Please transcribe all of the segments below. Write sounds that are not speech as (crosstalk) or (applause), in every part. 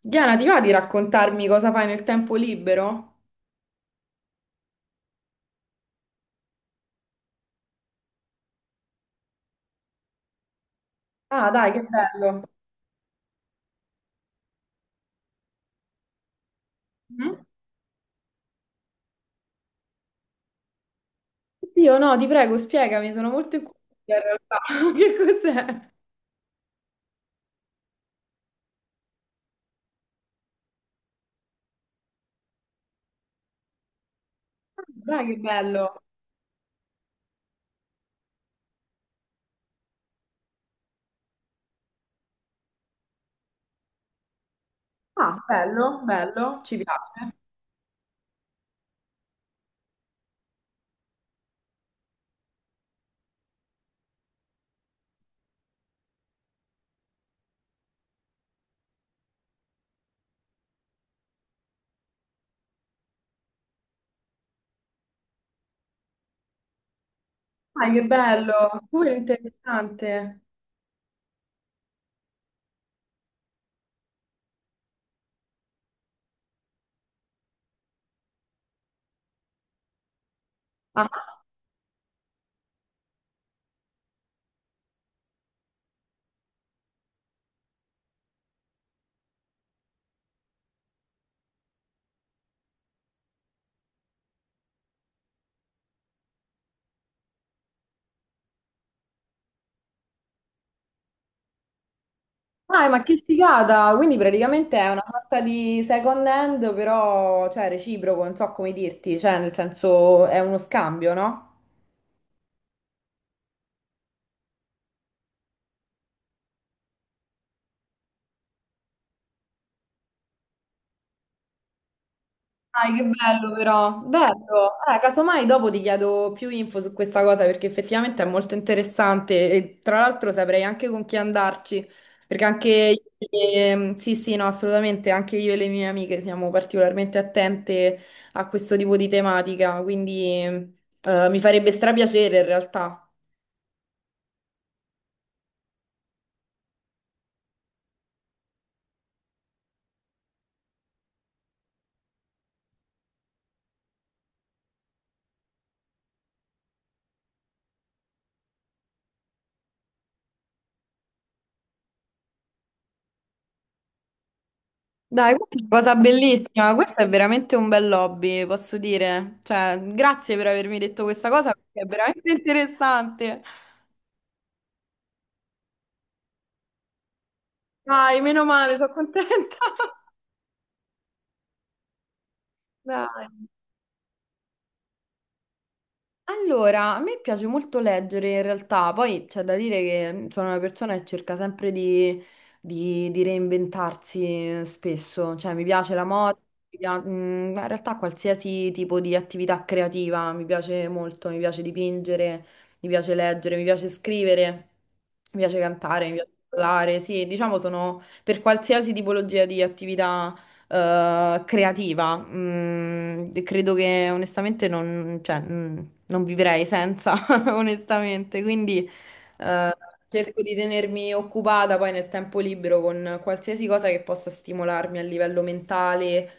Diana, ti va di raccontarmi cosa fai nel tempo libero? Ah, dai, che bello. Mm? Io no, ti prego, spiegami, sono molto incuriosita in realtà. (laughs) Che cos'è? Dai, che bello. Ah, bello, bello, ci piace. Dai, che bello. Super interessante. Ah, Ah, ma che figata! Quindi praticamente è una sorta di second hand, però, cioè, reciproco, non so come dirti, cioè, nel senso, è uno scambio, no? Dai, che bello però, bello. Casomai dopo ti chiedo più info su questa cosa perché effettivamente è molto interessante e tra l'altro saprei anche con chi andarci, perché anche io, sì, sì, no, assolutamente, anche io e le mie amiche siamo particolarmente attente a questo tipo di tematica, quindi mi farebbe strapiacere in realtà. Dai, questa è una cosa bellissima, questo è veramente un bel hobby, posso dire. Cioè, grazie per avermi detto questa cosa perché è veramente interessante. Dai, meno male, sono contenta. (laughs) Dai. Allora, a me piace molto leggere in realtà, poi c'è da dire che sono una persona che cerca sempre di reinventarsi spesso, cioè mi piace la moda, in realtà qualsiasi tipo di attività creativa mi piace molto, mi piace dipingere, mi piace leggere, mi piace scrivere, mi piace cantare, mi piace parlare, sì, diciamo sono per qualsiasi tipologia di attività creativa. Credo che onestamente non, cioè, mm, non vivrei senza, (laughs) onestamente. Quindi eh, cerco di tenermi occupata poi nel tempo libero con qualsiasi cosa che possa stimolarmi a livello mentale.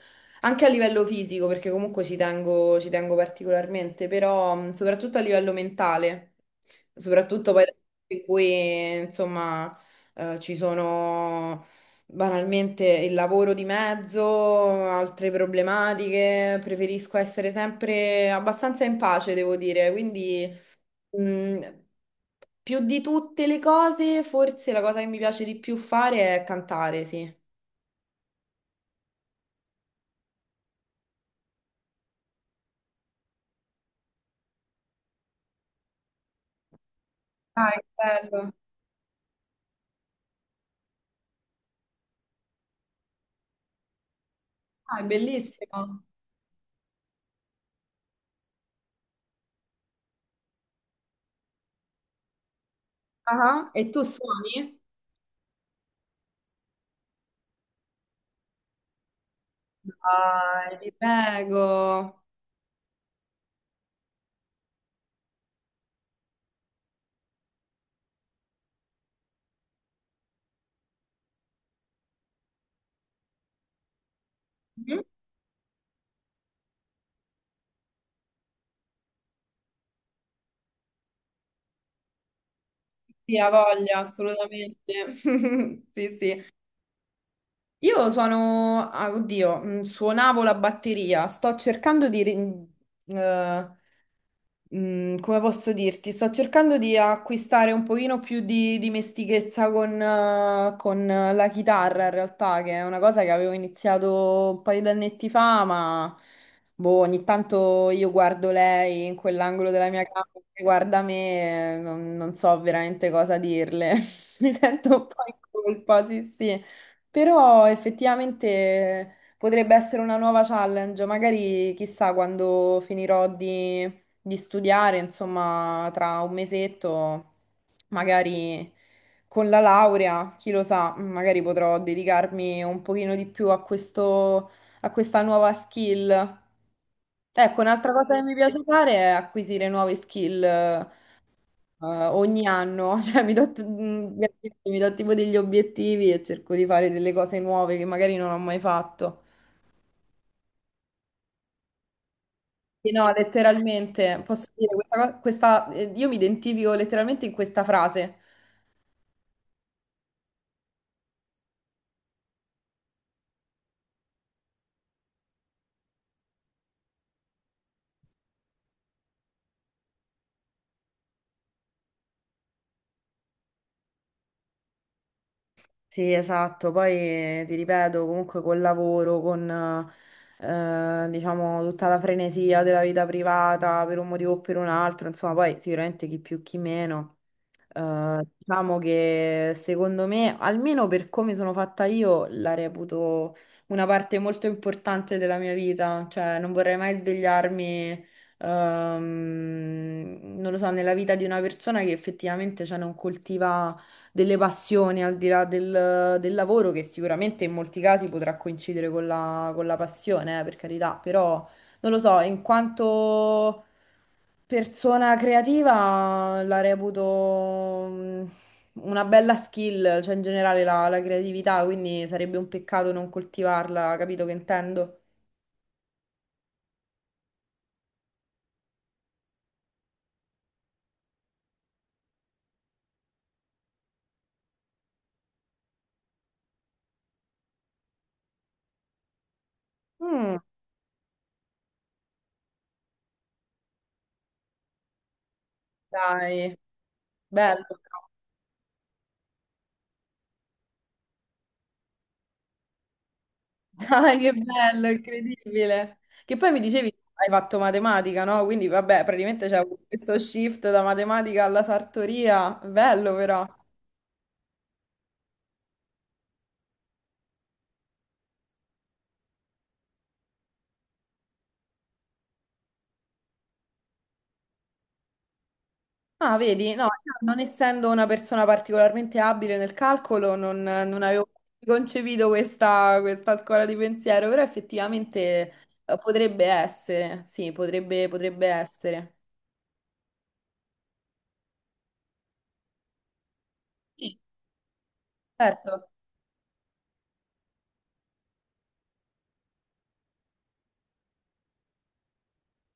Anche a livello fisico, perché comunque ci tengo particolarmente, però soprattutto a livello mentale, soprattutto poi in cui insomma ci sono banalmente il lavoro di mezzo, altre problematiche, preferisco essere sempre abbastanza in pace, devo dire. Quindi, mh, più di tutte le cose, forse la cosa che mi piace di più fare è cantare, sì. Ah, che bello. Ah, è bellissimo. Ah, e tu suoni? Dai, ti prego. Mhm. Sì, ha voglia, assolutamente. (laughs) Sì, sì. Io suono, ah, oddio, suonavo la batteria, sto cercando di, eh, come posso dirti, sto cercando di acquistare un pochino più di dimestichezza con la chitarra in realtà, che è una cosa che avevo iniziato un paio di annetti fa, ma boh, ogni tanto io guardo lei in quell'angolo della mia camera, che guarda me, e non, non so veramente cosa dirle, (laughs) mi sento un po' in colpa, sì sì. Però effettivamente potrebbe essere una nuova challenge, magari chissà quando finirò di studiare, insomma, tra un mesetto, magari con la laurea, chi lo sa, magari potrò dedicarmi un pochino di più a questo, a questa nuova skill. Ecco, un'altra cosa che mi piace fare è acquisire nuove skill, ogni anno, (laughs) cioè veramente mi do tipo degli obiettivi e cerco di fare delle cose nuove che magari non ho mai fatto. Sì, no, letteralmente, posso dire, io mi identifico letteralmente in questa frase. Sì, esatto, poi ti ripeto, comunque col lavoro, con diciamo tutta la frenesia della vita privata per un motivo o per un altro, insomma, poi sicuramente chi più chi meno. Diciamo che secondo me, almeno per come sono fatta io, la reputo una parte molto importante della mia vita. Cioè, non vorrei mai svegliarmi, non lo so, nella vita di una persona che effettivamente, cioè, non coltiva delle passioni al di là del lavoro, che sicuramente in molti casi potrà coincidere con con la passione, per carità, però non lo so, in quanto persona creativa la reputo una bella skill, cioè in generale la creatività, quindi sarebbe un peccato non coltivarla, capito che intendo? Mm, dai, bello, però. (laughs) Dai, che bello, incredibile. Che poi mi dicevi, hai fatto matematica, no? Quindi vabbè, praticamente c'è avuto questo shift da matematica alla sartoria, bello però. Ah, vedi, no, io non essendo una persona particolarmente abile nel calcolo, non, non avevo concepito questa, questa scuola di pensiero, però effettivamente potrebbe essere, sì, potrebbe, potrebbe essere. Sì. Certo.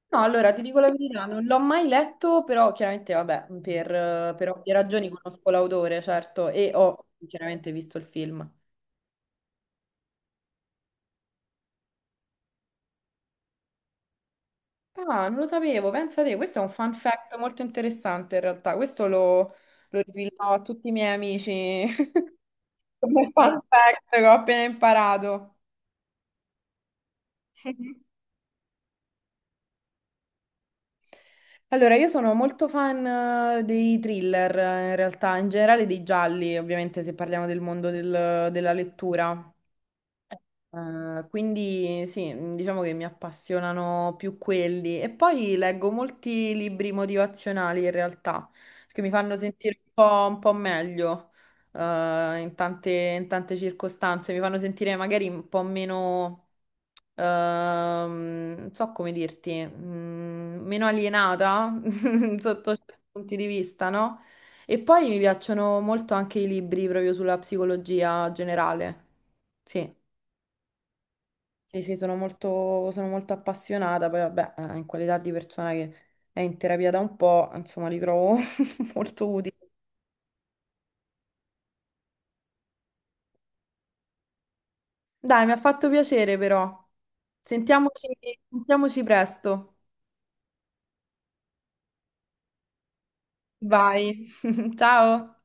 No, allora ti dico la verità, non l'ho mai letto, però chiaramente, vabbè, per ovvie ragioni conosco l'autore, certo, e ho chiaramente visto il film. Ah, non lo sapevo, pensa te, questo è un fun fact molto interessante in realtà, questo lo, lo rivelerò a tutti i miei amici (laughs) come fun fact che ho appena imparato. Allora, io sono molto fan dei thriller in realtà, in generale dei gialli, ovviamente se parliamo del mondo del- della lettura. Quindi sì, diciamo che mi appassionano più quelli. E poi leggo molti libri motivazionali in realtà, che mi fanno sentire un po' meglio, in tante circostanze. Mi fanno sentire magari un po' meno, non so come dirti, meno alienata (laughs) sotto certi punti di vista, no? E poi mi piacciono molto anche i libri proprio sulla psicologia generale. Sì. Sì, sì, sono molto appassionata, poi vabbè, in qualità di persona che è in terapia da un po', insomma, li trovo (laughs) molto utili. Dai, mi ha fatto piacere però. Sentiamoci, sentiamoci presto. Vai, (laughs) ciao!